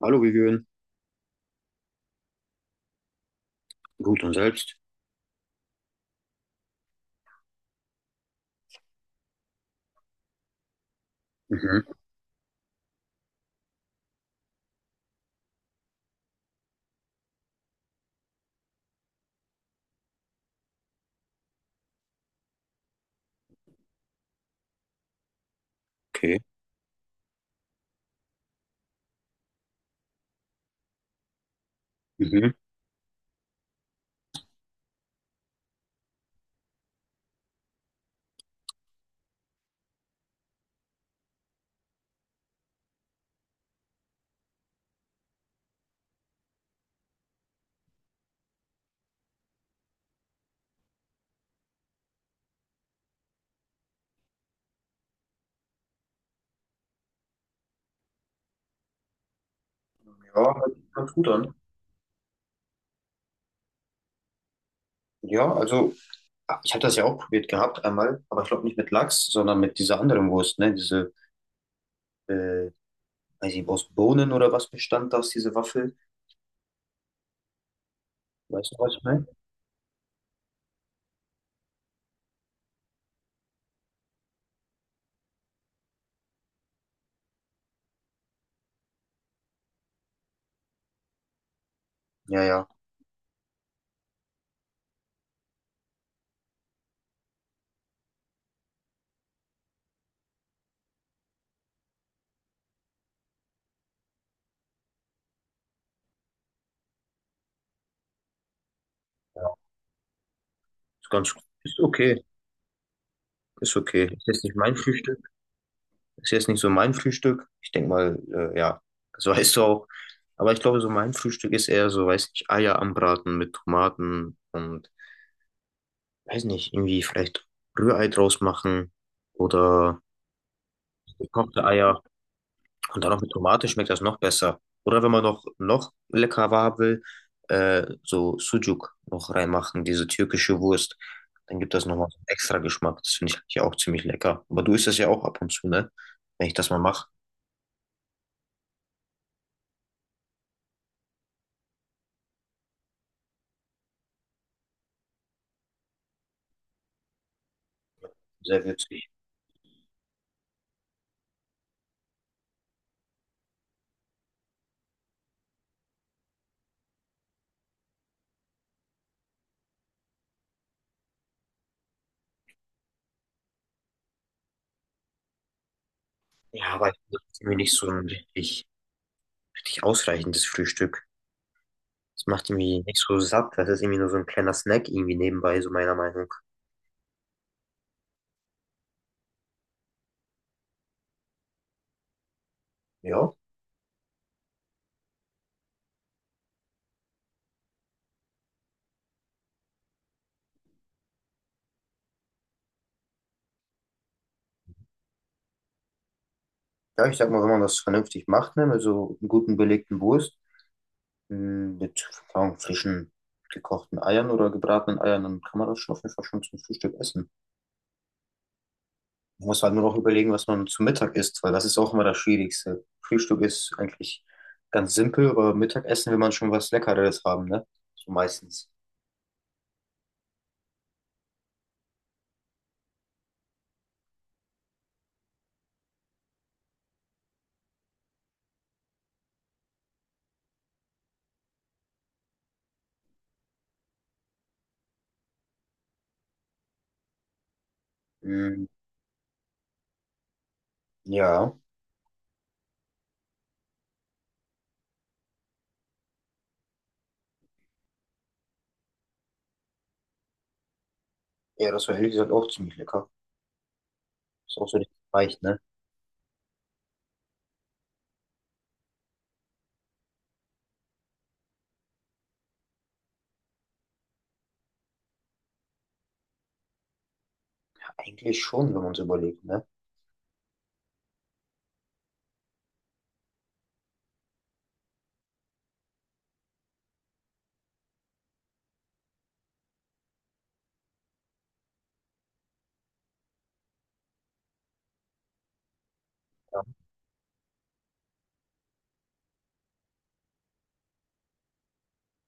Hallo, Vivian. Gut und selbst? Mhm. Okay. Mhm. Ja, hört sich ganz gut an. Ja, also ich hatte das ja auch probiert gehabt einmal, aber ich glaube nicht mit Lachs, sondern mit dieser anderen Wurst, ne? Diese, äh, weiß ich nicht, aus Bohnen oder was bestand das, diese Waffel? Weißt du, was ich meine? Ja, ja. Ist ganz, ist okay. Ist okay. Ist jetzt nicht mein Frühstück. Ist jetzt nicht so mein Frühstück. Ich denke mal, ja, das weißt du auch. Aber ich glaube, so mein Frühstück ist eher so, weiß nicht, Eier anbraten mit Tomaten und weiß nicht, irgendwie vielleicht Rührei draus machen oder gekochte Eier und dann noch mit Tomate schmeckt das noch besser. Oder wenn man noch leckerer haben will, so Sucuk noch reinmachen, diese türkische Wurst. Dann gibt das nochmal so einen extra Geschmack. Das finde ich eigentlich auch ziemlich lecker. Aber du isst das ja auch ab und zu, ne? Wenn ich das mal mache. Sehr witzig. Ja, aber ich finde, das ist irgendwie nicht so ein richtig ausreichendes Frühstück. Das macht irgendwie nicht so satt. Das ist irgendwie nur so ein kleiner Snack irgendwie nebenbei, so meiner Meinung. Ja. Ja, ich sag mal, wenn man das vernünftig macht, ne, mit so einem guten belegten Wurst, mit keine Ahnung, frischen gekochten Eiern oder gebratenen Eiern, dann kann man das schon auf jeden Fall schon zum Frühstück essen. Man muss halt nur noch überlegen, was man zum Mittag isst, weil das ist auch immer das Schwierigste. Frühstück ist eigentlich ganz simpel, aber Mittagessen will man schon was Leckeres haben, ne? So meistens. Mm, ja. Ja, das war ehrlich gesagt auch ziemlich lecker. Ist auch so richtig leicht, ne? Eigentlich schon, wenn man es überlegt, ne?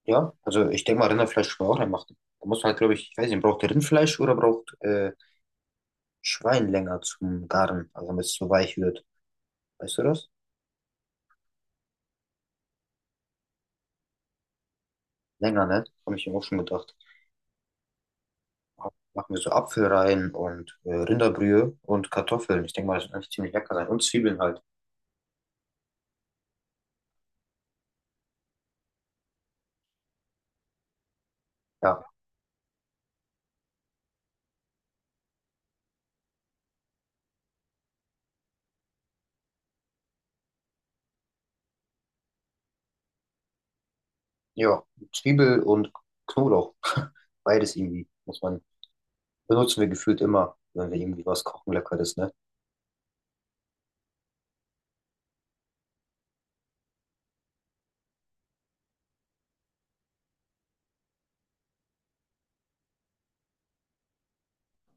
Ja, also ich denke mal, Rinderfleisch kann man auch reinmachen. Da muss man halt, glaube ich, ich weiß nicht, braucht Rindfleisch oder braucht Schwein länger zum Garen, also damit es so weich wird. Weißt du das? Länger, ne? Habe ich mir auch schon gedacht. Machen wir so Apfel rein und Rinderbrühe und Kartoffeln. Ich denke mal, das wird eigentlich ziemlich lecker sein. Und Zwiebeln halt. Ja, ja, Zwiebel und Knoblauch. Beides irgendwie muss man, benutzen wir gefühlt immer, wenn wir irgendwie was kochen, Leckeres, ne?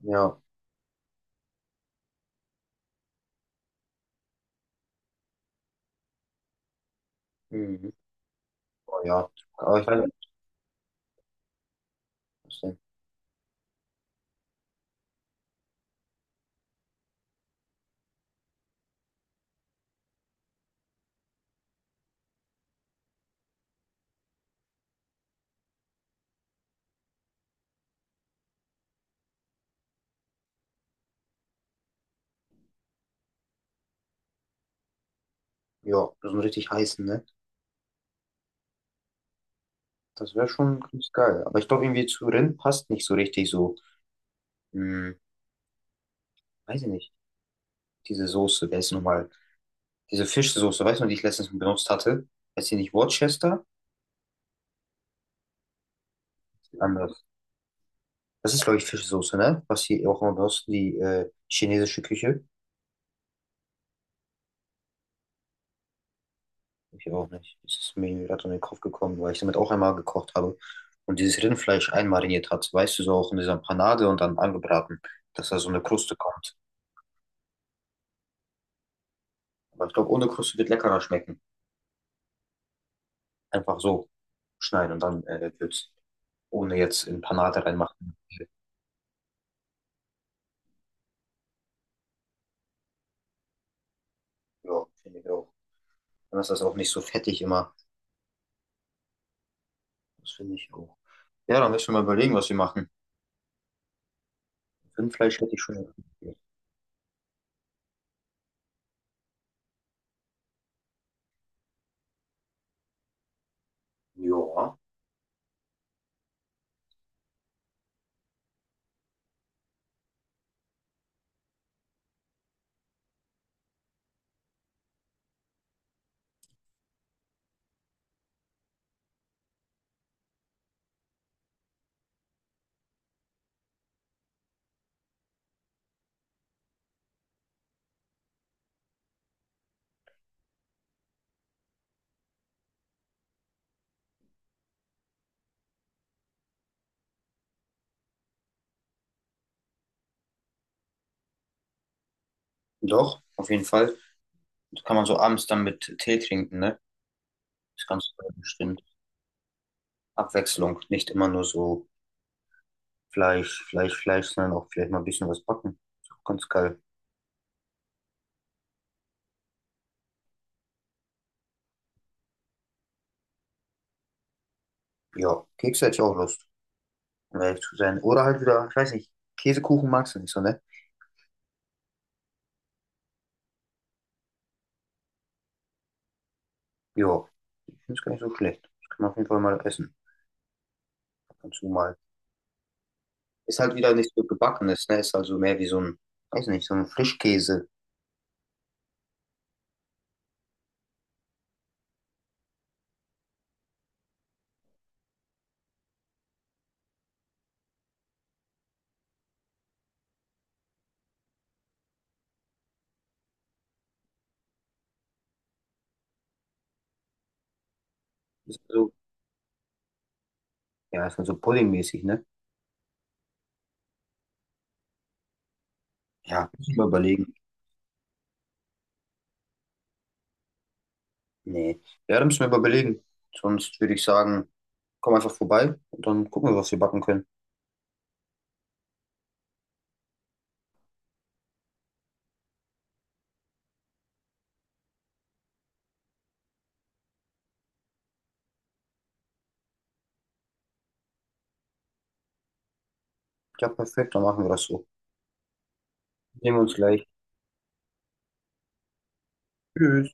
Ja, mhm. Oh, ja. Aber ich weiß nicht, was denn. Ja, so einen richtig heißen, ne? Das wäre schon ganz geil. Aber ich glaube, irgendwie zu Rind passt nicht so richtig so. Hm, weiß ich nicht. Diese Soße, wer ist nochmal? Diese Fischsoße, weißt du, die ich letztens benutzt hatte? Heißt die nicht Worcester? Anders. Das ist, glaube ich, Fischsoße, ne? Was sie auch immer benutzen, die chinesische Küche. Ich auch nicht. Das ist mir gerade in den Kopf gekommen, weil ich damit auch einmal gekocht habe und dieses Rindfleisch einmariniert hat. Weißt du, so auch in dieser Panade und dann angebraten, dass da so eine Kruste kommt. Aber ich glaube, ohne Kruste wird leckerer schmecken. Einfach so schneiden und dann wird's. Ohne jetzt in Panade reinmachen. Ja, finde ich auch. Dann ist das auch nicht so fettig immer. Das finde ich auch. Ja, dann müssen wir mal überlegen, was wir machen. Rindfleisch hätte ich schon. Ja, doch, auf jeden Fall. Das kann man so abends dann mit Tee trinken, ne? Ist ganz bestimmt. Abwechslung. Nicht immer nur so Fleisch, Fleisch, Fleisch, sondern auch vielleicht mal ein bisschen was backen. Ist auch ganz geil. Ja, Kekse hätte ich auch Lust, um ehrlich zu sein. Oder halt wieder, ich weiß nicht, Käsekuchen magst du nicht so, ne? Ja, ich finde es gar nicht so schlecht. Das kann man auf jeden Fall mal essen. Ab und zu mal. Ist halt wieder nicht so gebackenes, ne? Ist also mehr wie so ein, weiß nicht, so ein Frischkäse. Ist halt so, ja, ist halt so puddingmäßig, ne? Ja, müssen wir überlegen. Nee. Ja, da müssen wir überlegen. Sonst würde ich sagen, komm einfach vorbei und dann gucken wir, was wir backen können. Ja, perfekt, dann machen wir das so. Sehen wir uns gleich. Tschüss.